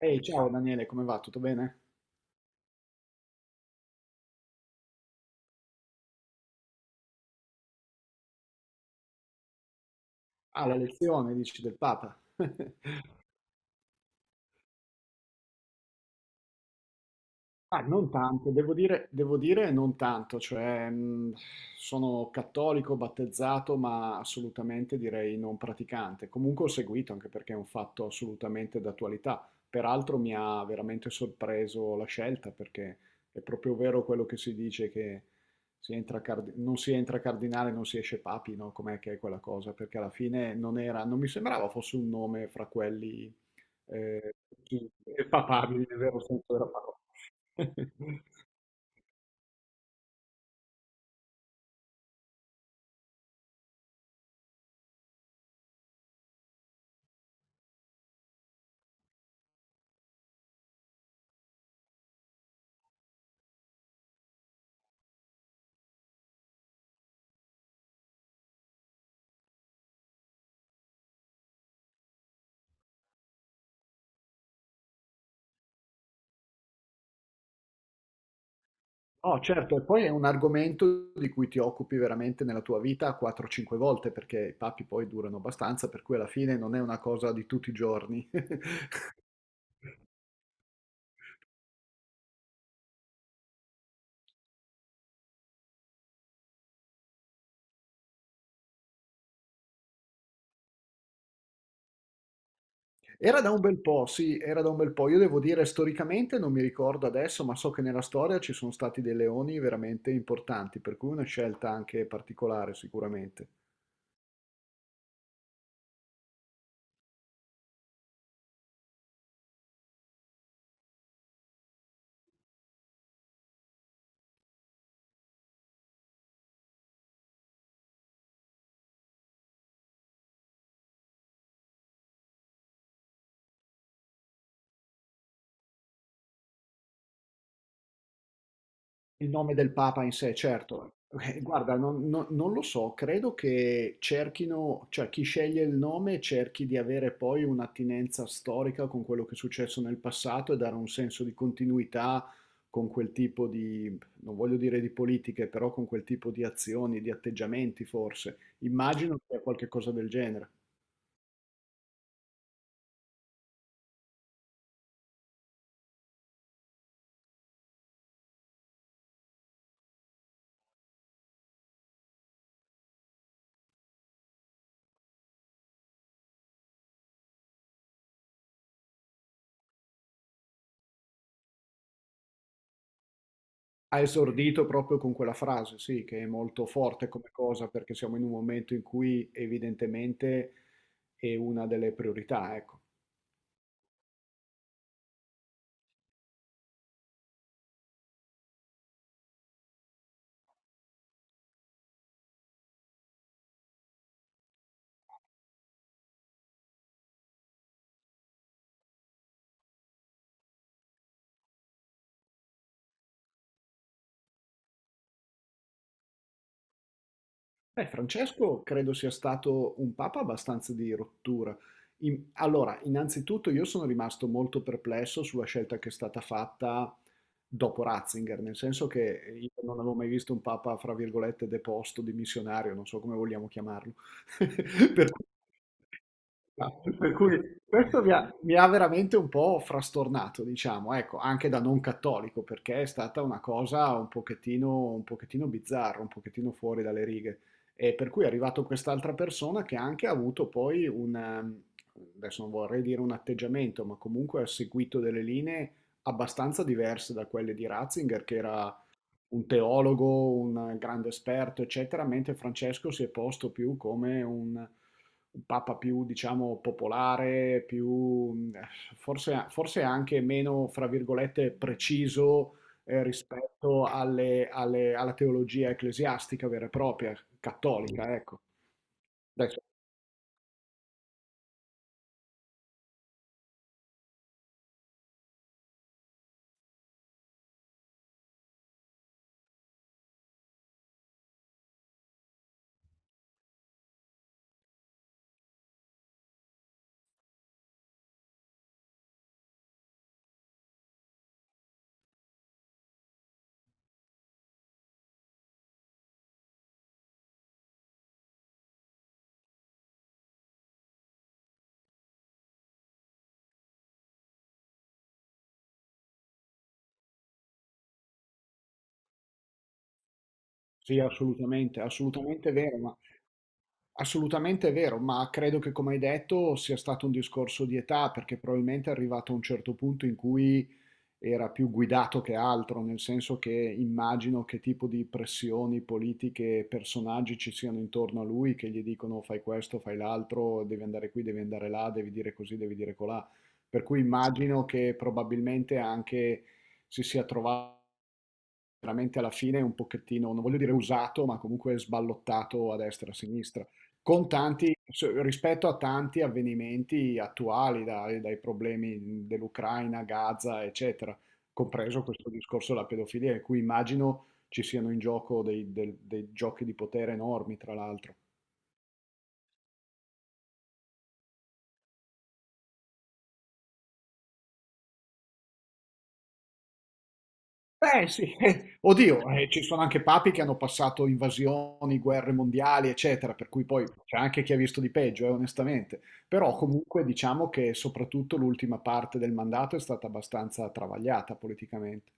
Ehi, ciao Daniele, come va? Tutto bene? Ah, la lezione, dici, del Papa. Ah, non tanto, devo dire non tanto, cioè sono cattolico battezzato, ma assolutamente direi non praticante. Comunque ho seguito anche perché è un fatto assolutamente d'attualità. Peraltro mi ha veramente sorpreso la scelta perché è proprio vero quello che si dice che non si entra cardinale, non si esce papi, no? Com'è che è quella cosa? Perché alla fine non mi sembrava fosse un nome fra quelli eh, che fa paghi nel vero senso della parola. No, certo, e poi è un argomento di cui ti occupi veramente nella tua vita 4-5 volte, perché i papi poi durano abbastanza, per cui alla fine non è una cosa di tutti i giorni. Era da un bel po', sì, era da un bel po'. Io devo dire, storicamente non mi ricordo adesso, ma so che nella storia ci sono stati dei leoni veramente importanti, per cui una scelta anche particolare sicuramente. Il nome del Papa in sé, certo. Guarda, non lo so, credo che cerchino, cioè chi sceglie il nome cerchi di avere poi un'attinenza storica con quello che è successo nel passato e dare un senso di continuità con non voglio dire di politiche, però con quel tipo di azioni, di atteggiamenti forse. Immagino che sia qualche cosa del genere. Ha esordito proprio con quella frase, sì, che è molto forte come cosa, perché siamo in un momento in cui evidentemente è una delle priorità, ecco. Beh, Francesco credo sia stato un papa abbastanza di rottura. Allora, innanzitutto io sono rimasto molto perplesso sulla scelta che è stata fatta dopo Ratzinger, nel senso che io non avevo mai visto un papa, fra virgolette, deposto, dimissionario, non so come vogliamo chiamarlo. Per cui ah, per cui questo mi ha veramente un po' frastornato, diciamo, ecco, anche da non cattolico, perché è stata una cosa un pochettino bizzarra, un pochettino fuori dalle righe. E per cui è arrivato quest'altra persona che anche ha avuto poi un, adesso non vorrei dire un atteggiamento, ma comunque ha seguito delle linee abbastanza diverse da quelle di Ratzinger, che era un teologo, un grande esperto, eccetera, mentre Francesco si è posto più come un papa più, diciamo, popolare, più, forse anche meno, fra virgolette, preciso, rispetto alla teologia ecclesiastica vera e propria, cattolica, ecco. Adesso, sì, assolutamente, assolutamente vero, ma credo che come hai detto sia stato un discorso di età, perché probabilmente è arrivato a un certo punto in cui era più guidato che altro, nel senso che immagino che tipo di pressioni politiche e personaggi ci siano intorno a lui che gli dicono fai questo, fai l'altro, devi andare qui, devi andare là, devi dire così, devi dire colà. Per cui immagino che probabilmente anche si sia trovato veramente alla fine un pochettino, non voglio dire usato, ma comunque sballottato a destra e a sinistra, con tanti, rispetto a tanti avvenimenti attuali, dai problemi dell'Ucraina, Gaza, eccetera, compreso questo discorso della pedofilia, in cui immagino ci siano in gioco dei giochi di potere enormi, tra l'altro. Beh, sì, oddio, ci sono anche papi che hanno passato invasioni, guerre mondiali, eccetera, per cui poi c'è anche chi ha visto di peggio, onestamente. Però comunque diciamo che soprattutto l'ultima parte del mandato è stata abbastanza travagliata politicamente.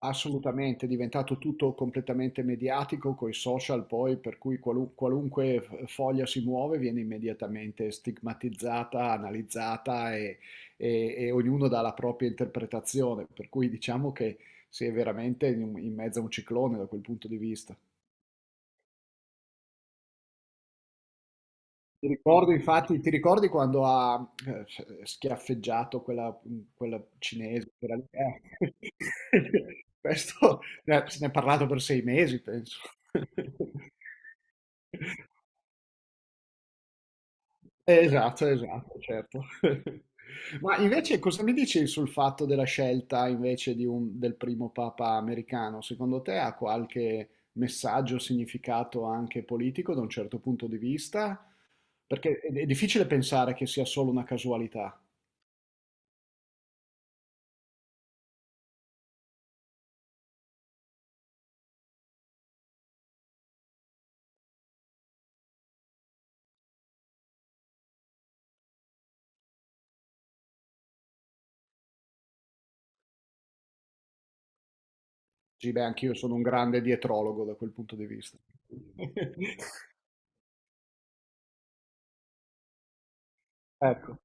Assolutamente, è diventato tutto completamente mediatico coi social poi, per cui qualunque foglia si muove viene immediatamente stigmatizzata, analizzata e, e ognuno dà la propria interpretazione, per cui diciamo che si è veramente in mezzo a un ciclone da quel punto di vista. Ti ricordo, infatti, ti ricordi quando ha schiaffeggiato quella cinese? Quella... lì? Questo se ne è parlato per 6 mesi, penso. Esatto, esatto, certo. Ma invece cosa mi dici sul fatto della scelta invece di del primo papa americano? Secondo te ha qualche messaggio, significato anche politico da un certo punto di vista? Perché è difficile pensare che sia solo una casualità. Sì, beh, anch'io sono un grande dietrologo da quel punto di vista. Ecco.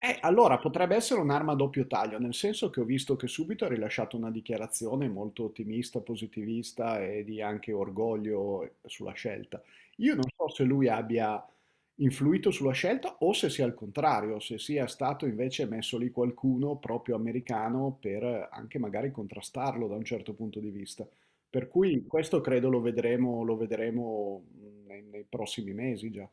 Allora potrebbe essere un'arma a doppio taglio, nel senso che ho visto che subito ha rilasciato una dichiarazione molto ottimista, positivista e di anche orgoglio sulla scelta. Io non so se lui abbia influito sulla scelta o se sia al contrario, se sia stato invece messo lì qualcuno proprio americano per anche magari contrastarlo da un certo punto di vista. Per cui questo credo lo vedremo nei prossimi mesi già.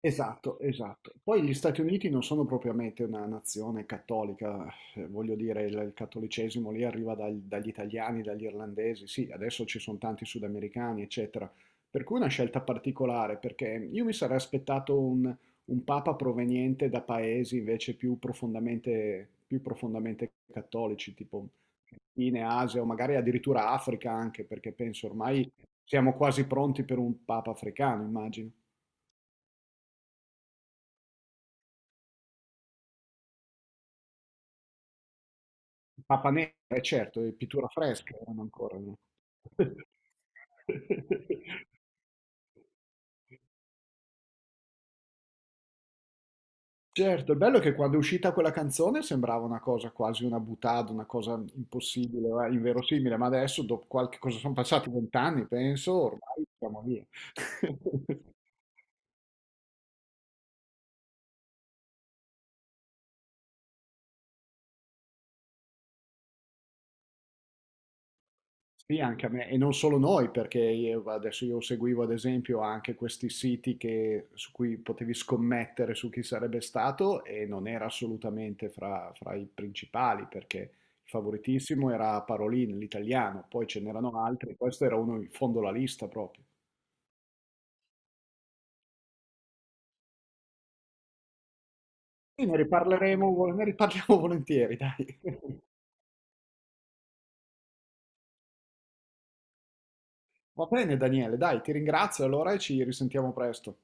Esatto, esatto. Poi gli Stati Uniti non sono propriamente una nazione cattolica, voglio dire, il cattolicesimo lì arriva dagli italiani, dagli irlandesi, sì, adesso ci sono tanti sudamericani, eccetera. Per cui una scelta particolare, perché io mi sarei aspettato un papa proveniente da paesi invece più profondamente cattolici, tipo in Asia o magari addirittura Africa anche, perché penso ormai siamo quasi pronti per un papa africano, immagino. Papa Nera, eh certo, e pittura fresca erano ancora, no? Certo, il bello è che quando è uscita quella canzone sembrava una cosa quasi una boutade, una cosa impossibile, inverosimile, ma adesso dopo qualche cosa sono passati 20 anni, penso, ormai siamo lì. Sì, anche a me, e non solo noi, perché adesso io seguivo ad esempio anche questi siti su cui potevi scommettere su chi sarebbe stato e non era assolutamente fra i principali, perché il favoritissimo era Parolin, l'italiano, poi ce n'erano altri, questo era uno in fondo alla lista proprio. Sì, ne riparleremo, ne riparliamo volentieri, dai. Va bene, Daniele, dai, ti ringrazio allora e ci risentiamo presto.